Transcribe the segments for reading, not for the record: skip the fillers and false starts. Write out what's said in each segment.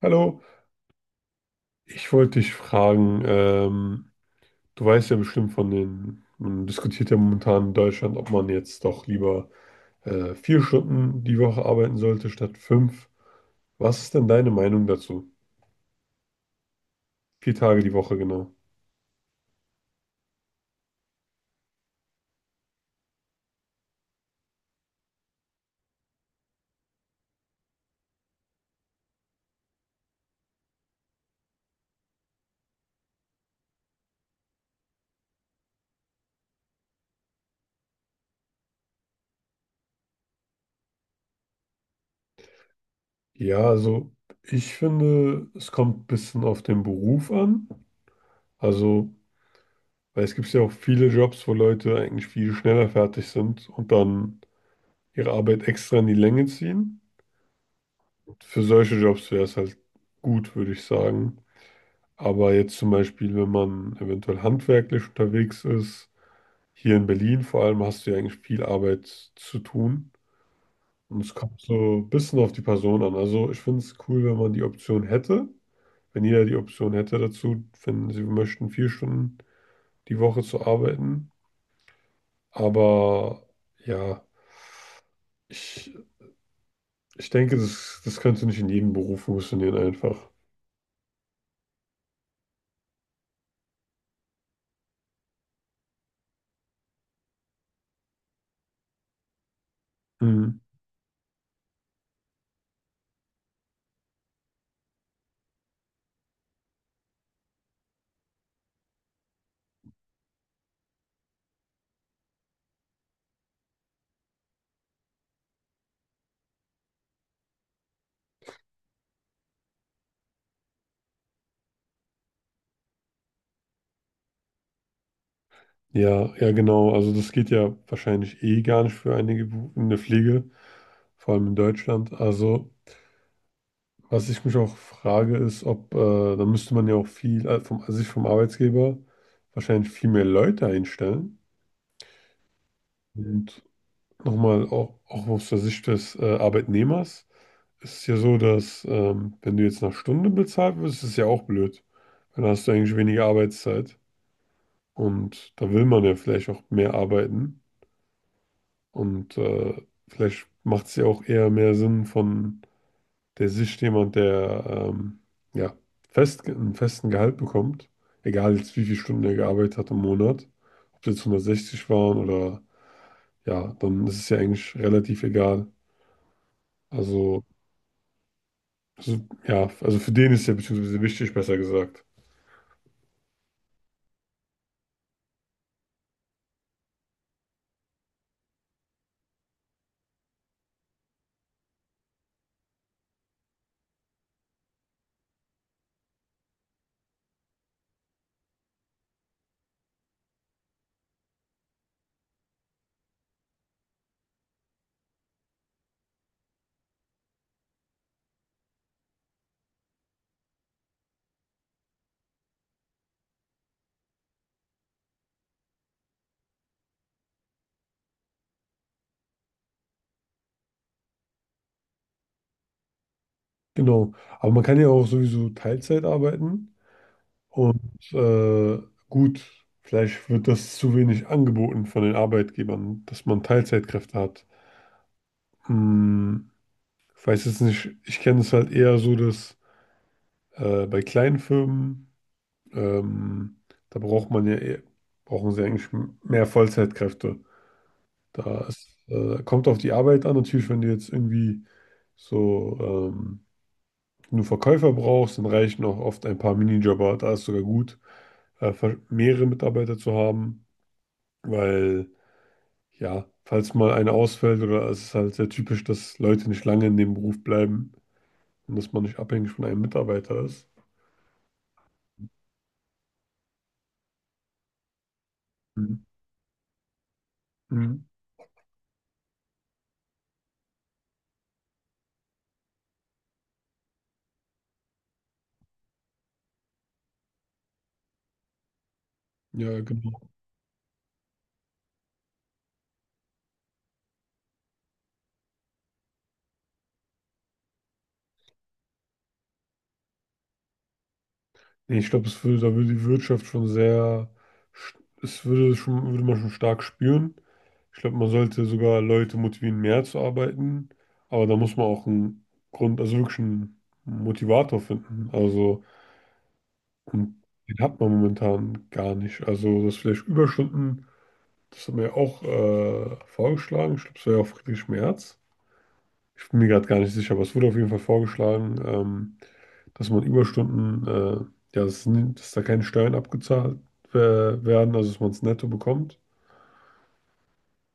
Hallo, ich wollte dich fragen, du weißt ja bestimmt von den, man diskutiert ja momentan in Deutschland, ob man jetzt doch lieber vier Stunden die Woche arbeiten sollte statt fünf. Was ist denn deine Meinung dazu? Vier Tage die Woche genau. Ja, also ich finde, es kommt ein bisschen auf den Beruf an. Also, weil es gibt ja auch viele Jobs, wo Leute eigentlich viel schneller fertig sind und dann ihre Arbeit extra in die Länge ziehen. Für solche Jobs wäre es halt gut, würde ich sagen. Aber jetzt zum Beispiel, wenn man eventuell handwerklich unterwegs ist, hier in Berlin vor allem hast du ja eigentlich viel Arbeit zu tun. Und es kommt so ein bisschen auf die Person an. Also ich finde es cool, wenn man die Option hätte, wenn jeder die Option hätte dazu, wenn sie möchten, vier Stunden die Woche zu arbeiten. Aber ja, ich, ich denke, das könnte nicht in jedem Beruf funktionieren einfach. Mhm. Ja, ja, genau. Also das geht ja wahrscheinlich eh gar nicht für einige in der Pflege, vor allem in Deutschland. Also was ich mich auch frage, ist, ob, da müsste man ja auch viel, sich vom Arbeitgeber wahrscheinlich viel mehr Leute einstellen. Und nochmal, auch aus der Sicht des, Arbeitnehmers, ist es ja so, dass, wenn du jetzt nach Stunde bezahlt wirst, ist es ja auch blöd. Weil dann hast du eigentlich weniger Arbeitszeit und da will man ja vielleicht auch mehr arbeiten. Und vielleicht macht es ja auch eher mehr Sinn von der Sicht jemand, der ja, fest, einen festen Gehalt bekommt, egal jetzt wie viele Stunden er gearbeitet hat im Monat, ob das jetzt 160 waren oder ja, dann ist es ja eigentlich relativ egal. Also, so- ja, also für den ist ja beziehungsweise wichtig, besser gesagt. Genau. Aber man kann ja auch sowieso Teilzeit arbeiten. Und gut, vielleicht wird das zu wenig angeboten von den Arbeitgebern, dass man Teilzeitkräfte hat. Hm, ich weiß jetzt nicht, ich kenne es halt eher so, dass bei kleinen Firmen, ähm, da braucht man ja eher, brauchen sie eigentlich mehr Vollzeitkräfte. Da ist, kommt auf die Arbeit an. Natürlich, wenn du jetzt irgendwie so nur Verkäufer brauchst, dann reichen auch oft ein paar Minijobber. Da ist sogar gut, mehrere Mitarbeiter zu haben. Weil, ja, falls mal einer ausfällt oder es ist halt sehr typisch, dass Leute nicht lange in dem Beruf bleiben und dass man nicht abhängig von einem Mitarbeiter ist. Mhm. Mhm. Ja, genau. Nee, ich glaube, es würde, da würde die Wirtschaft schon sehr, sch- es würde schon, würde man schon stark spüren. Ich glaube, man sollte sogar Leute motivieren, mehr zu arbeiten, aber da muss man auch einen Grund, also wirklich einen Motivator finden. Also, und den hat man momentan gar nicht. Also, dass vielleicht Überstunden das hat mir auch vorgeschlagen. Ich glaube, es war ja auch Friedrich Merz. Ich bin mir gerade gar nicht sicher, aber es wurde auf jeden Fall vorgeschlagen, dass man Überstunden, ja, dass da keine Steuern abgezahlt werden, also dass man es netto bekommt.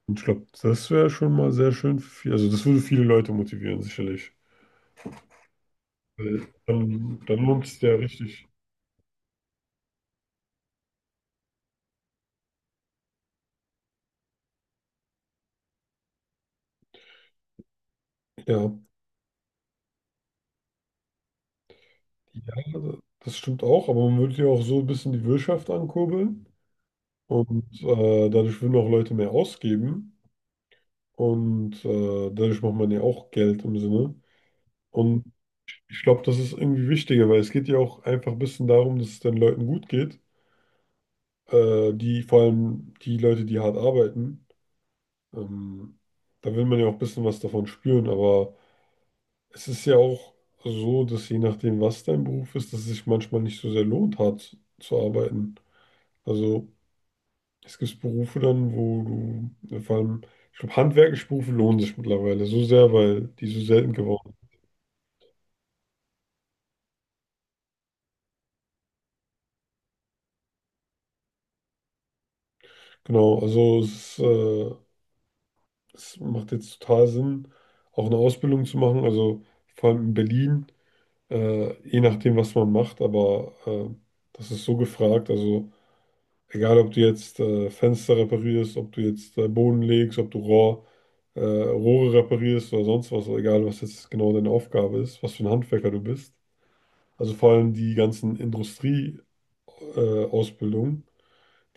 Und ich glaube, das wäre schon mal sehr schön für viel, also das würde viele Leute motivieren, sicherlich. Weil dann, dann lohnt es ja richtig. Ja, ja, das stimmt auch, aber man würde ja auch so ein bisschen die Wirtschaft ankurbeln und dadurch würden auch Leute mehr ausgeben. Und dadurch macht man ja auch Geld im Sinne. Und ich glaube, das ist irgendwie wichtiger, weil es geht ja auch einfach ein bisschen darum, dass es den Leuten gut geht. Vor allem die Leute, die hart arbeiten. Ähm, da will man ja auch ein bisschen was davon spüren, aber es ist ja auch so, dass je nachdem, was dein Beruf ist, dass es sich manchmal nicht so sehr lohnt, hart zu arbeiten. Also es gibt Berufe dann, wo du, vor allem, ich glaube, handwerkliche Berufe lohnen sich mittlerweile so sehr, weil die so selten geworden sind. Genau, also es macht jetzt total Sinn, auch eine Ausbildung zu machen, also vor allem in Berlin, je nachdem, was man macht, aber das ist so gefragt, also egal, ob du jetzt Fenster reparierst, ob du jetzt Boden legst, ob du Rohre reparierst oder sonst was, egal, was jetzt genau deine Aufgabe ist, was für ein Handwerker du bist. Also vor allem die ganzen Industrie-Ausbildungen, Ausbildungen,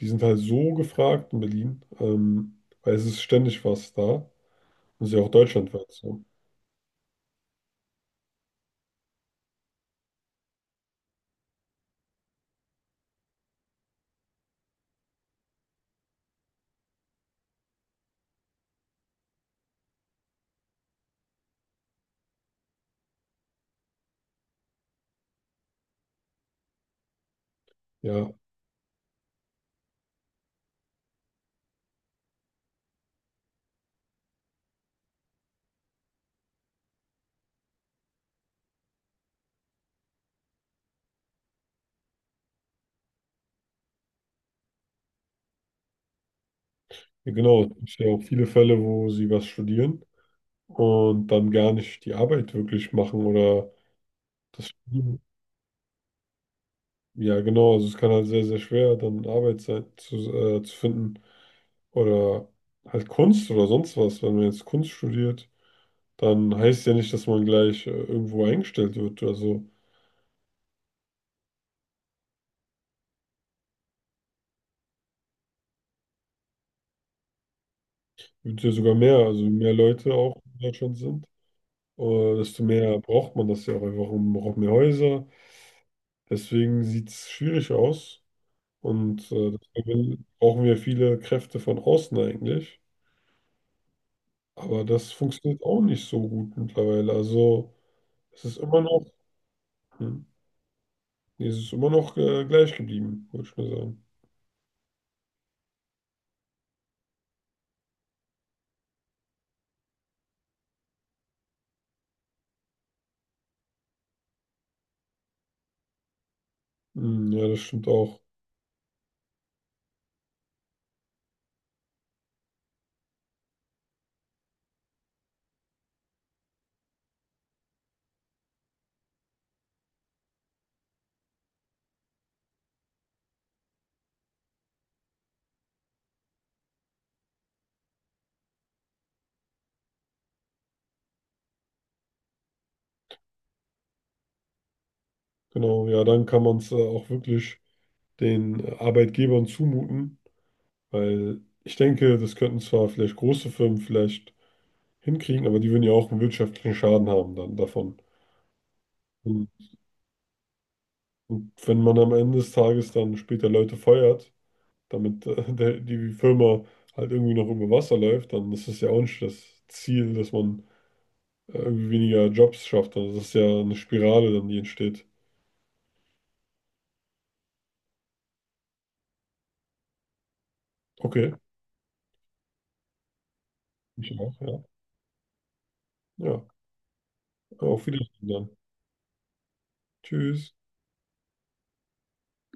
die sind halt so gefragt in Berlin, weil es ist ständig was da. Das ist ja auch deutschlandweit so. Ja, ja, genau. Es gibt ja auch viele Fälle, wo sie was studieren und dann gar nicht die Arbeit wirklich machen oder ja, genau. Also es kann halt sehr, sehr schwer dann Arbeit sein, zu finden oder halt Kunst oder sonst was. Wenn man jetzt Kunst studiert, dann heißt ja nicht, dass man gleich irgendwo eingestellt wird. Also wird ja sogar mehr, also mehr Leute auch in Deutschland sind, desto mehr braucht man das ja auch einfach und man braucht mehr Häuser. Deswegen sieht es schwierig aus. Und deswegen brauchen wir viele Kräfte von außen eigentlich. Aber das funktioniert auch nicht so gut mittlerweile. Also es ist immer noch, hm, nee, es ist immer noch gleich geblieben, würde ich mal sagen. Hm, ja, das stimmt auch. Genau, ja, dann kann man es auch wirklich den Arbeitgebern zumuten, weil ich denke, das könnten zwar vielleicht große Firmen vielleicht hinkriegen, aber die würden ja auch einen wirtschaftlichen Schaden haben dann davon. Und, und wenn man am Ende des Tages dann später Leute feuert, damit die Firma halt irgendwie noch über Wasser läuft, dann ist es ja auch nicht das Ziel, dass man irgendwie weniger Jobs schafft. Also das ist ja eine Spirale dann, die entsteht. Okay, ich auch, ja. Ja, auf Wiedersehen dann. Tschüss.